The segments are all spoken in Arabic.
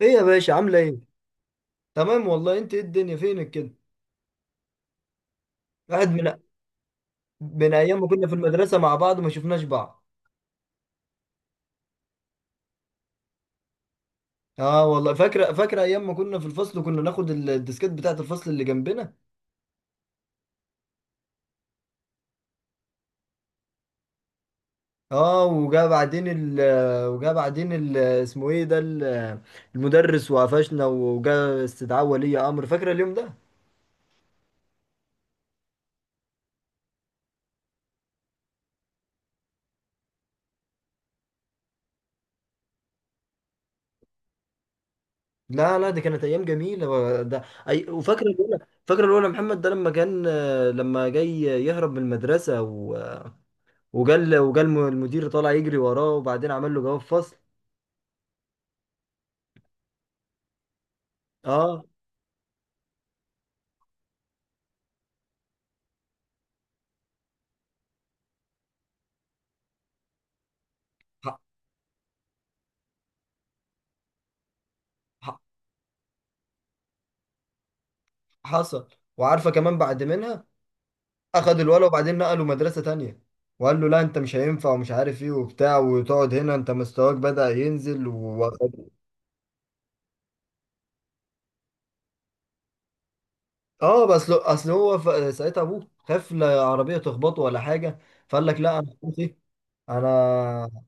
ايه يا باشا، عامله ايه؟ تمام والله. انت ايه الدنيا فينك كده؟ قاعد من ايام ما كنا في المدرسه مع بعض، ما شفناش بعض. اه، والله فاكره ايام ما كنا في الفصل. كنا ناخد الديسكات بتاعه الفصل اللي جنبنا. اه، وجا بعدين ال اسمه ايه ده ال- المدرس وقفشنا، وجا استدعاء ولي امر. فاكره اليوم ده. لا لا، دي كانت ايام جميله ده. أي، وفاكره الاولى. فاكره الاولى محمد، ده لما جاي يهرب من المدرسه، وجال المدير طالع يجري وراه، وبعدين عمل له جواب فصل. اه. ح- ح- حصل. وعارفه كمان بعد منها اخد الولد وبعدين نقله مدرسه تانية، وقال له لا انت مش هينفع ومش عارف ايه وبتاع، وتقعد هنا انت مستواك بدأ ينزل. اه بس اصل هو ساعتها ابوه خاف لا عربيه تخبطه ولا حاجه، فقال لك لا انا خلاص ايه. انا.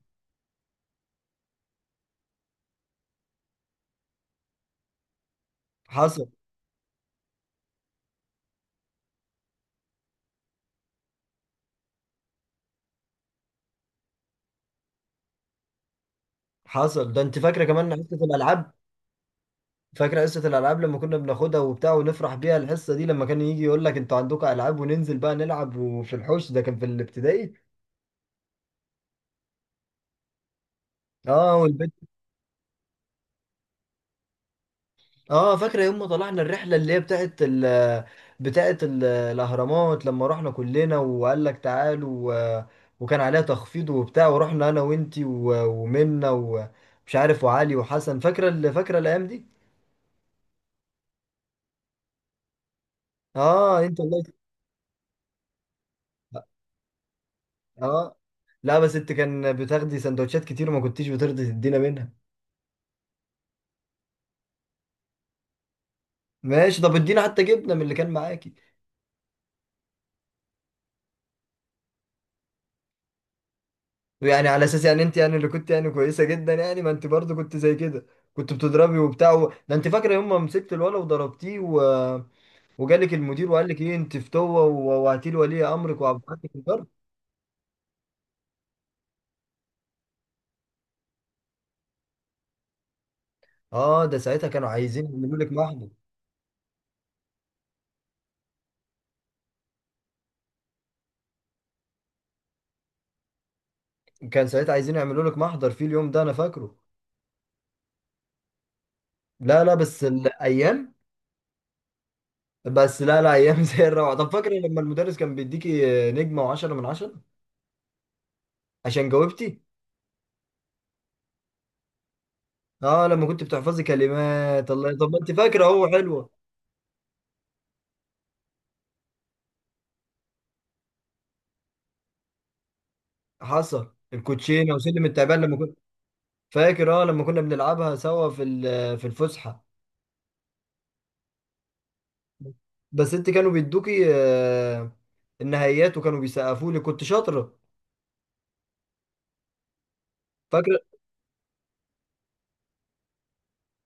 حصل حصل. ده انت فاكره كمان حصه الالعاب. فاكر حصة الألعاب لما كنا بناخدها وبتاع ونفرح بيها الحصة دي، لما كان يجي يقول لك انتوا عندكم ألعاب وننزل بقى نلعب، وفي الحوش ده كان في الابتدائي. اه، والبنت. اه فاكرة يوم ما طلعنا الرحلة اللي هي بتاعت الأهرامات، لما رحنا كلنا وقال لك تعالوا. و- وكان عليها تخفيض وبتاع، ورحنا أنا وأنتي ومنة ومش عارف وعلي وحسن. فاكرة الأيام دي؟ اه، انت الله اه. لا بس انت كان بتاخدي سندوتشات كتير وما كنتيش بترضي تدينا منها. ماشي، طب ادينا حتى جبنه من اللي كان معاكي. يعني على اساس يعني انت يعني اللي كنت يعني كويسه جدا يعني، ما انت برضه كنت زي كده. كنت بتضربي ده انت فاكره يوم ما مسكت الولا وضربتيه، وجالك المدير وقال لك ايه انت فتوه، ووعتي لولي امرك وابعتك الضرب. اه، ده ساعتها كانوا عايزين يعملوا لك محضر. كان ساعتها عايزين يعملوا لك محضر في اليوم ده، انا فاكره. لا لا، بس الايام. بس لا لا، ايام زي الروعه. طب فاكره لما المدرس كان بيديكي نجمه وعشرة من عشرة عشان جاوبتي. اه لما كنت بتحفظي كلمات الله. طب ما انت فاكره اهو، حلوه. حصل. الكوتشينه وسلم التعبان لما كنت فاكر. اه لما كنا بنلعبها سوا في في الفسحه. بس انت كانوا بيدوكي، آه، النهائيات وكانوا بيسقفوا لي، كنت شاطره. فاكره.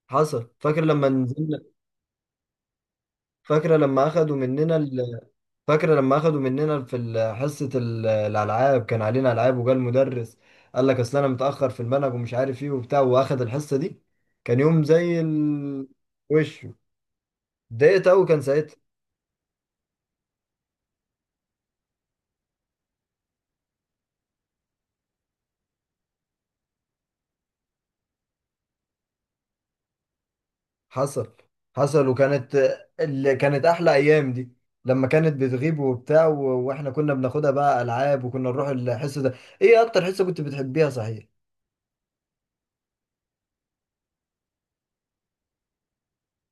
حصل، فاكره لما نزلنا. فاكره لما اخدوا مننا فاكره لما اخدوا مننا في حصه الالعاب كان علينا العاب، وجا المدرس قال لك اصل انا متاخر في المنهج ومش عارف ايه وبتاع، واخد الحصه دي. كان يوم زي وش. اتضايقت قوي كان ساعتها. حصل حصل. وكانت اللي كانت احلى ايام دي، لما كانت بتغيب واحنا كنا بناخدها بقى العاب وكنا نروح الحصه ده. ايه اكتر حصه كنت بتحبيها صحيح؟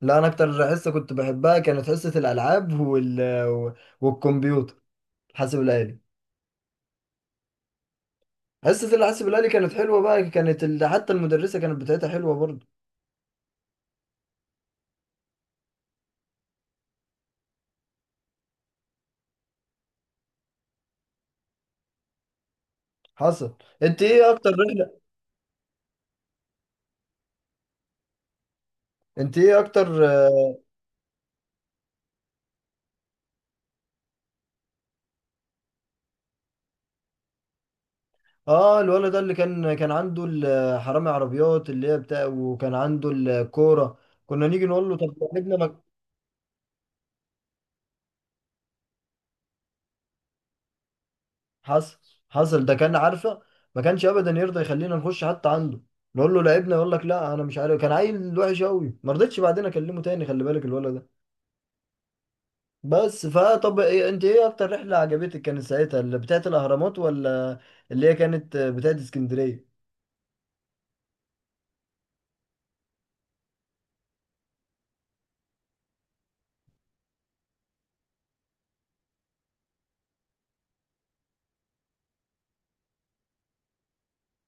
لا، انا اكتر حصه كنت بحبها كانت حصه الالعاب و- والكمبيوتر، الحاسب الالي. حصه الحاسب الالي كانت حلوه بقى، كانت حتى المدرسه كانت بتاعتها حلوه برضه. حصل. انت ايه اكتر رحله؟ انت ايه اكتر؟ اه الولد ده اللي كان عنده حرامي عربيات اللي هي بتاع، وكان عنده الكوره. كنا نيجي نقول له طب جنبنا ما. حصل حصل. ده كان عارفه ما كانش ابدا يرضى يخلينا نخش حتى عنده، نقول له لعبنا يقول لك لا انا مش عارف. كان عيل وحش قوي، ما رضيتش بعدين اكلمه تاني. خلي بالك الولد ده. بس فطب إيه، انت ايه اكتر رحله عجبتك كانت ساعتها؟ اللي بتاعت الاهرامات ولا اللي هي كانت بتاعت اسكندريه؟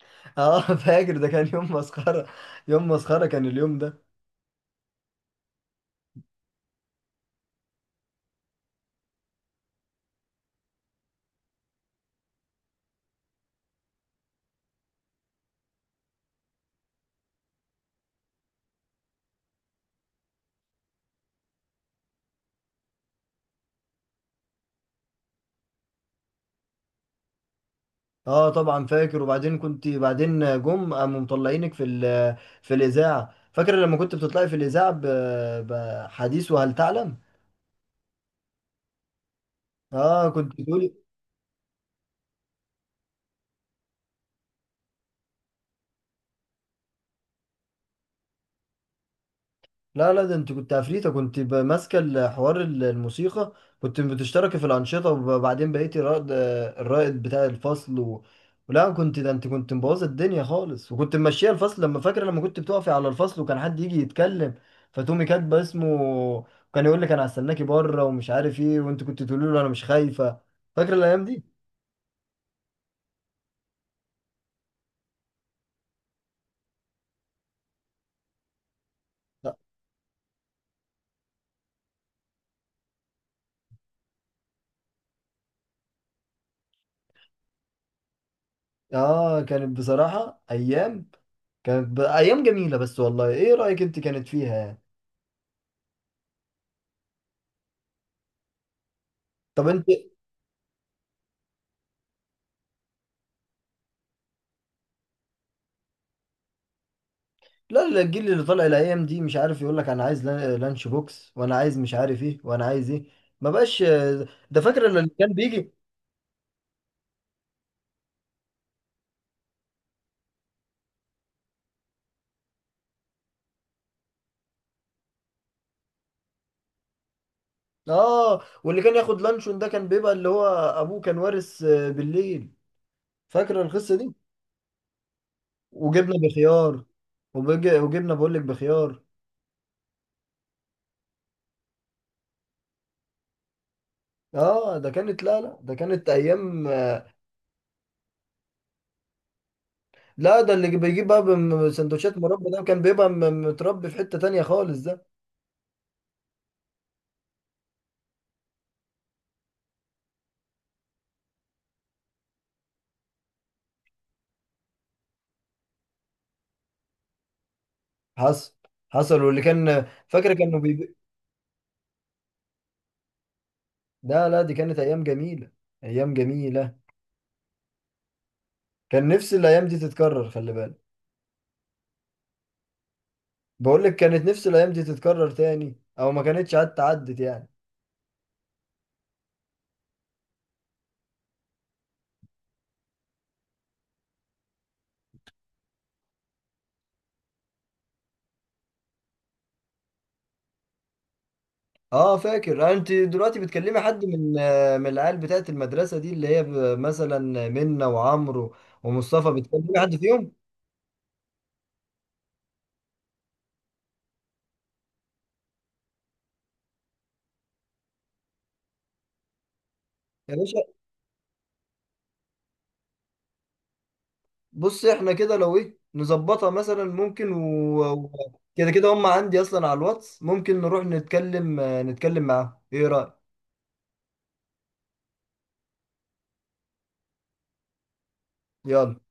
اه فاكر، ده كان يوم مسخره. يوم مسخره كان اليوم ده. اه طبعا فاكر. وبعدين كنت بعدين جم قاموا مطلعينك في في الاذاعه. فاكر لما كنت بتطلعي في الاذاعه بحديث وهل تعلم. اه كنت تقولي. لا لا، ده انت كنت عفريتة. كنت ماسكة الحوار الموسيقى. كنت بتشتركي في الأنشطة، وبعدين بقيتي رائد الرائد بتاع الفصل لا كنت، ده انت كنت مبوظة الدنيا خالص، وكنت ممشية الفصل. لما فاكرة لما كنت بتقفي على الفصل وكان حد يجي يتكلم فتقومي كاتبة اسمه، كان يقول لك انا هستناكي بره ومش عارف ايه، وانت كنت تقولي له انا مش خايفة. فاكرة الأيام دي؟ لا. اه، كانت بصراحة أيام. كانت أيام جميلة. بس والله، ايه رأيك انت كانت فيها يعني؟ طب انت. لا لا، الجيل اللي طالع الايام دي مش عارف. يقول لك انا عايز لانش بوكس، وانا عايز مش عارف ايه، وانا عايز ايه. ما بقاش. ده فاكر اللي كان بيجي. اه واللي كان ياخد لانشون ده كان بيبقى اللي هو ابوه كان وارث، آه، بالليل. فاكر القصة دي. وجبنا بخيار. وجبنا بقول لك بخيار. اه، ده كانت، لا لا ده كانت ايام. لا ده اللي بيجيب بقى سندوتشات مربى، ده كان بيبقى متربي في حتة تانية خالص ده. حصل حصل. واللي كان فاكر كانوا لا لا، دي كانت ايام جميله. ايام جميله. كان نفسي الايام دي تتكرر، خلي بالك. بقول لك كانت نفسي الايام دي تتكرر تاني، او ما كانتش عدت يعني. اه فاكر. آه، انت دلوقتي بتكلمي حد من، آه، من العيال بتاعت المدرسه دي، اللي هي مثلا منة وعمرو ومصطفى؟ بتكلمي حد فيهم؟ يا باشا، بص احنا كده لو ايه نظبطها مثلا، ممكن كده كده هم عندي اصلا على الواتس، ممكن نروح نتكلم، آه، نتكلم معاهم. ايه رايك؟ يلا.